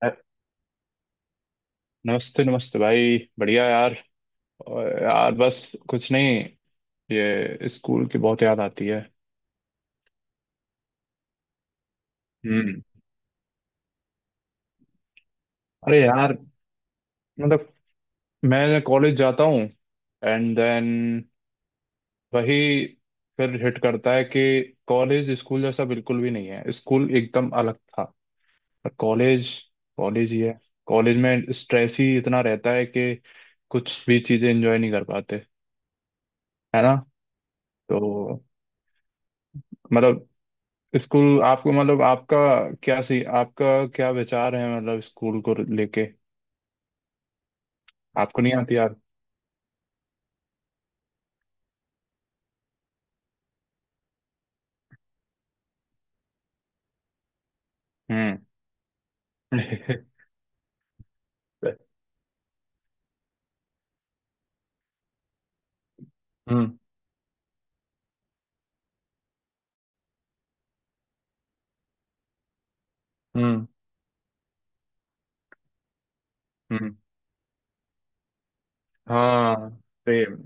अ- नमस्ते नमस्ते भाई, बढ़िया यार। और यार बस कुछ नहीं, ये स्कूल की बहुत याद आती है। हम्म। अरे यार, मतलब मैं कॉलेज जाता हूँ, एंड देन वही, फिर हिट करता है कि कॉलेज स्कूल जैसा बिल्कुल भी नहीं है। स्कूल एकदम अलग था, पर कॉलेज कॉलेज ही है। कॉलेज में स्ट्रेस ही इतना रहता है कि कुछ भी चीजें एंजॉय नहीं कर पाते। है ना? तो मतलब स्कूल आपको, मतलब आपका, क्या सी आपका क्या विचार है मतलब स्कूल को लेके? आपको नहीं आती यार? हम्म। हम्म, हम्म, हम्म। हाँ, सेम।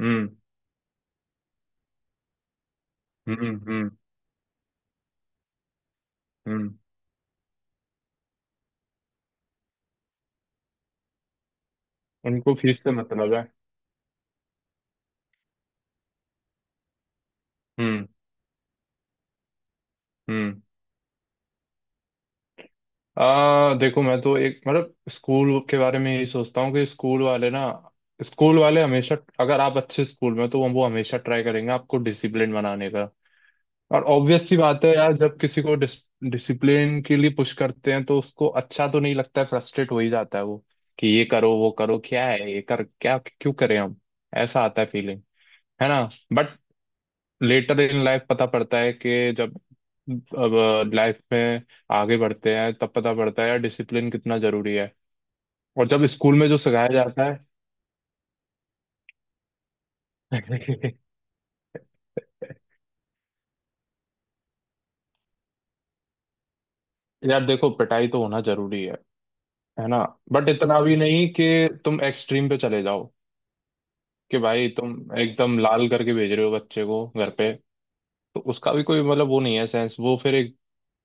हम्म, हम्म, हम्म, हम्म। उनको फीस से मतलब है। हम्म, हम्म। आ देखो, मैं तो एक मतलब स्कूल के बारे में यही सोचता हूँ कि स्कूल वाले ना, स्कूल वाले हमेशा, अगर आप अच्छे स्कूल में हो, तो वो हमेशा ट्राई करेंगे आपको डिसिप्लिन बनाने का। और ऑब्वियस सी बात है यार, जब किसी को डिसिप्लिन के लिए पुश करते हैं तो उसको अच्छा तो नहीं लगता है, फ्रस्ट्रेट हो ही जाता है वो। कि ये करो वो करो, क्या है ये, कर क्या, क्यों करें हम? ऐसा आता है फीलिंग। है ना? बट लेटर इन लाइफ पता पड़ता है कि जब, अब लाइफ में आगे बढ़ते हैं तब पता पड़ता है यार डिसिप्लिन कितना जरूरी है। और जब स्कूल में जो सिखाया जाता है। यार देखो, पिटाई तो होना जरूरी है। है ना? बट इतना भी नहीं कि तुम एक्सट्रीम पे चले जाओ, कि भाई तुम एकदम लाल करके भेज रहे हो बच्चे को घर पे। तो उसका भी कोई मतलब वो नहीं है, सेंस वो, फिर एक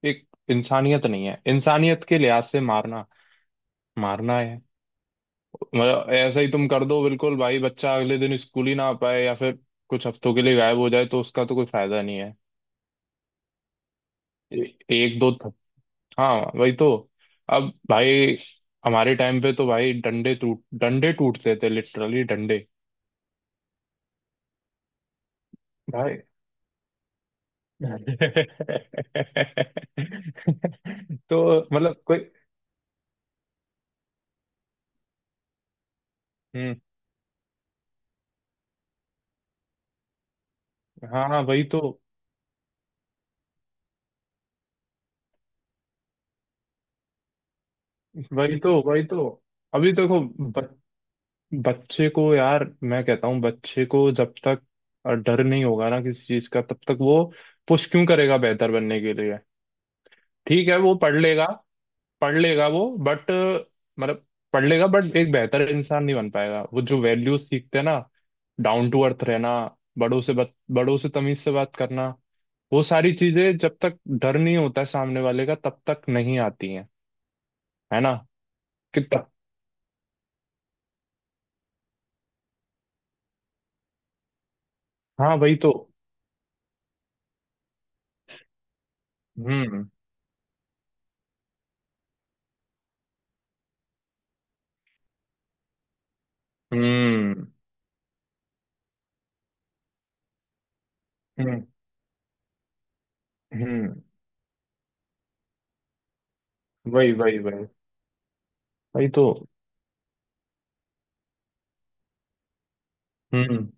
एक इंसानियत नहीं है, इंसानियत के लिहाज से मारना, मारना है। मतलब ऐसा ही तुम कर दो बिल्कुल भाई, बच्चा अगले दिन स्कूल ही ना आ पाए या फिर कुछ हफ्तों के लिए गायब हो जाए, तो उसका तो कोई फायदा नहीं है। एक दो थप। हाँ वही तो। अब भाई हमारे टाइम पे तो भाई, डंडे टूटते थे, लिटरली डंडे भाई। तो मतलब कोई। हम्म। हाँ हाँ, वही तो, वही तो, वही तो। अभी देखो, बच्चे को यार मैं कहता हूँ बच्चे को, जब तक डर नहीं होगा ना किसी चीज का, तब तक वो पुश क्यों करेगा बेहतर बनने के लिए? ठीक है, वो पढ़ लेगा, पढ़ लेगा वो, बट मतलब पढ़ लेगा बट एक बेहतर इंसान नहीं बन पाएगा वो। जो वैल्यूज सीखते हैं ना, डाउन टू अर्थ रहना, बड़ों से तमीज से बात करना, वो सारी चीजें जब तक डर नहीं होता है सामने वाले का तब तक नहीं आती हैं। है ना? कि तब। हाँ वही तो। हम्म, हम्म, हम्म, हम्म, वही वही वही वही तो। हम्म।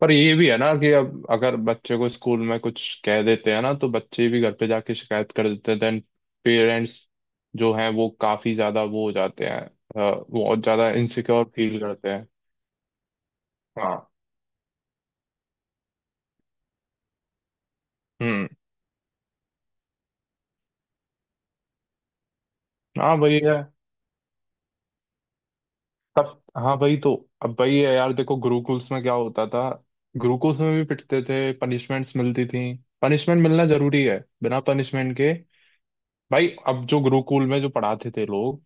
पर ये भी है ना कि अब अगर बच्चे को स्कूल में कुछ कह देते हैं ना, तो बच्चे भी घर पे जाके शिकायत कर देते हैं, देन पेरेंट्स जो हैं वो काफी ज्यादा वो हो जाते हैं, बहुत ज्यादा इनसिक्योर फील करते हैं। हाँ। हम्म। हाँ वही है। तब हाँ भाई तो, अब भाई ये, यार देखो, गुरुकुल्स में क्या होता था? गुरुकुल्स में भी पिटते थे, पनिशमेंट्स मिलती थी। पनिशमेंट मिलना जरूरी है, बिना पनिशमेंट के भाई। अब जो गुरुकुल में जो पढ़ाते थे लोग,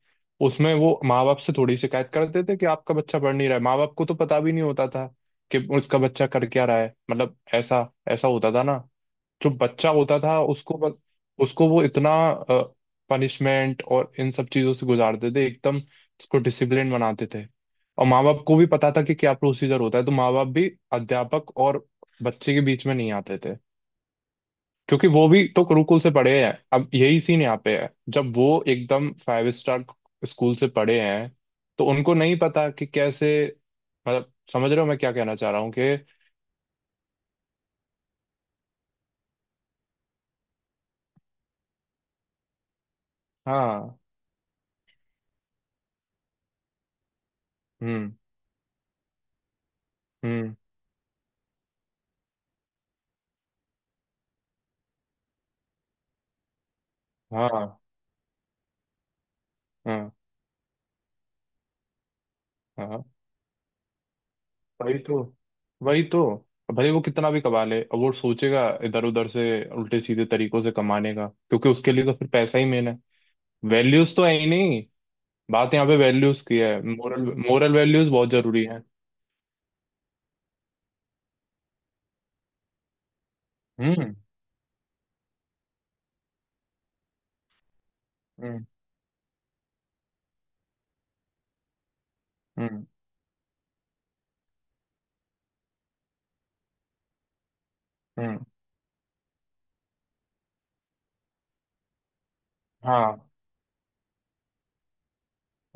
उसमें वो माँ बाप से थोड़ी शिकायत करते थे कि आपका बच्चा पढ़ नहीं रहा है। माँ बाप को तो पता भी नहीं होता था कि उसका बच्चा कर क्या रहा है। मतलब ऐसा ऐसा होता था ना। जो बच्चा होता था, उसको वो इतना पनिशमेंट और इन सब चीजों से गुजारते थे, एकदम उसको डिसिप्लिन बनाते थे। और माँ बाप को भी पता था कि क्या प्रोसीजर होता है, तो माँ बाप भी अध्यापक और बच्चे के बीच में नहीं आते थे, क्योंकि वो भी तो गुरुकुल से पढ़े हैं। अब यही सीन यहाँ पे है, जब वो एकदम फाइव स्टार स्कूल से पढ़े हैं तो उनको नहीं पता कि कैसे, मतलब समझ रहे हो मैं क्या कहना चाह रहा हूँ कि, हाँ। हम्म, हम्म। हाँ हाँ हाँ, वही तो, वही तो। भले वो कितना भी कमा ले, अब वो सोचेगा इधर उधर से, उल्टे सीधे तरीकों से कमाने का, क्योंकि उसके लिए तो फिर पैसा ही मेन है। वैल्यूज तो है ही नहीं। बात यहाँ पे वैल्यूज की है, मोरल। मोरल वैल्यूज बहुत जरूरी है। हम्म, हम्म, हम्म, हम्म। हाँ।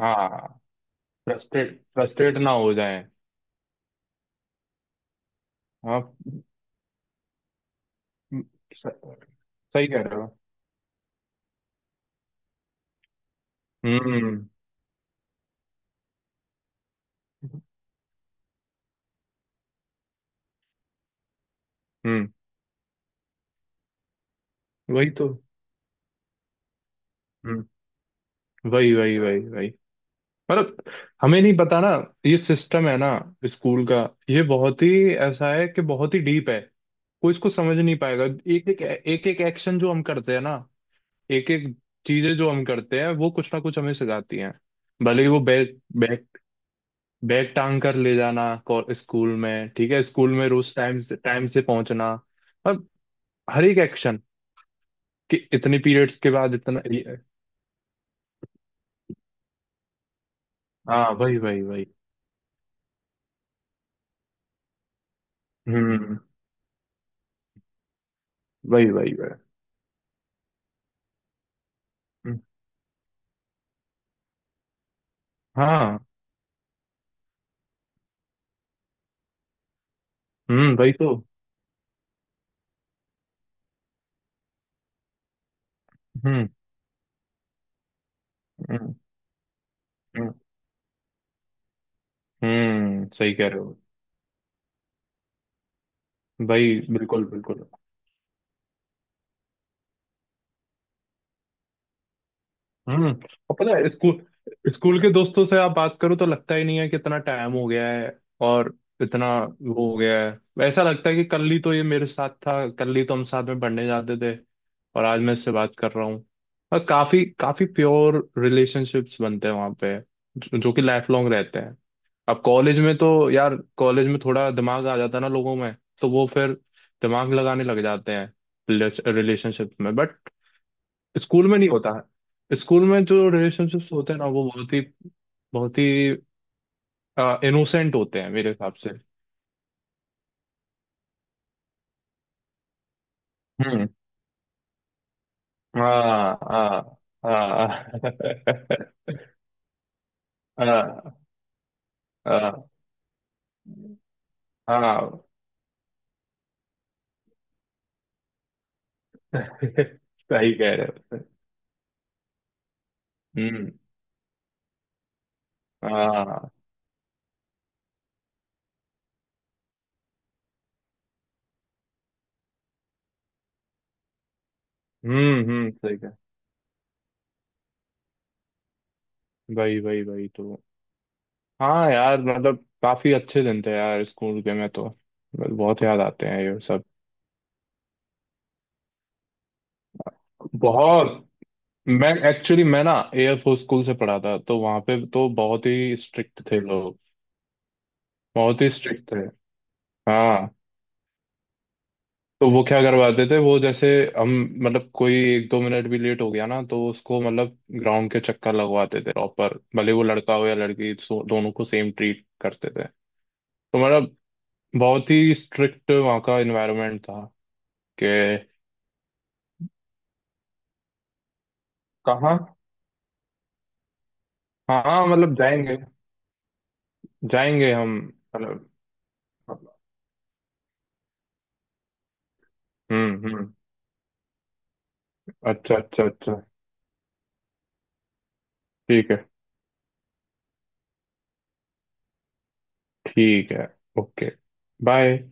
हाँ। फ्रस्ट्रेट फ्रस्ट्रेट ना हो जाए। हाँ। स- सही कह रहे हो। हम्म, हम्म, वही तो। हम्म, वही वही वही वही। मतलब हमें नहीं पता ना, ये सिस्टम है ना स्कूल का, ये बहुत ही, ऐसा है कि बहुत ही डीप है, कोई इसको समझ नहीं पाएगा। एक एक एक्शन जो हम करते हैं ना, एक एक चीजें जो हम करते हैं वो कुछ ना कुछ हमें सिखाती हैं। भले ही वो बैग बैग बैग टांग कर ले जाना स्कूल में, ठीक है, स्कूल में रोज टाइम से पहुंचना, और हर एक एक्शन, कि इतने पीरियड्स के बाद इतना हाँ वही वही वही। हम्म। वही वही वही। हम्म, हाँ। हम्म, वही तो। हम्म, हम्म, हम्म, सही कह रहे हो। भाई बिल्कुल बिल्कुल। हम्म। और पता है स्कूल स्कूल के दोस्तों से आप बात करो तो लगता ही नहीं है कि इतना टाइम हो गया है। और इतना वो हो गया है, ऐसा लगता है कि कल ही तो ये मेरे साथ था, कल ही तो हम साथ में पढ़ने जाते थे, और आज मैं इससे बात कर रहा हूँ। और काफी काफी प्योर रिलेशनशिप्स बनते हैं वहाँ पे, जो जो कि लाइफ लॉन्ग रहते हैं। अब कॉलेज में तो यार, कॉलेज में थोड़ा दिमाग आ जाता है ना लोगों में, तो वो फिर दिमाग लगाने लग जाते हैं रिलेशनशिप में, बट स्कूल में नहीं होता है। स्कूल में जो रिलेशनशिप्स होते हैं ना, वो बहुत ही इनोसेंट होते हैं मेरे हिसाब से। हम्म। हाँ हाँ हाँ। हाँ। हाँ हाँ। सही कह रहे हो। हम्म। हाँ। हम्म, हम्म, सही कह। भाई भाई भाई, तो हाँ यार मतलब काफी अच्छे दिन थे यार स्कूल के, में तो बहुत याद आते हैं ये सब। बहुत। मैं एक्चुअली, मैं ना एयरफोर्स स्कूल से पढ़ा था, तो वहां पे तो बहुत ही स्ट्रिक्ट थे लोग, बहुत ही स्ट्रिक्ट थे। हाँ। तो वो क्या करवाते थे वो जैसे, हम, मतलब कोई एक दो मिनट भी लेट हो गया ना, तो उसको मतलब ग्राउंड के चक्कर लगवाते थे प्रॉपर, भले वो लड़का हो या लड़की, दोनों को सेम ट्रीट करते थे। तो मतलब बहुत ही स्ट्रिक्ट वहाँ का एनवायरनमेंट था कि, कहाँ? हाँ मतलब जाएंगे, जाएंगे हम, मतलब, हम्म, हम्म, अच्छा अच्छा अच्छा। ठीक है। ठीक है, ओके, बाय।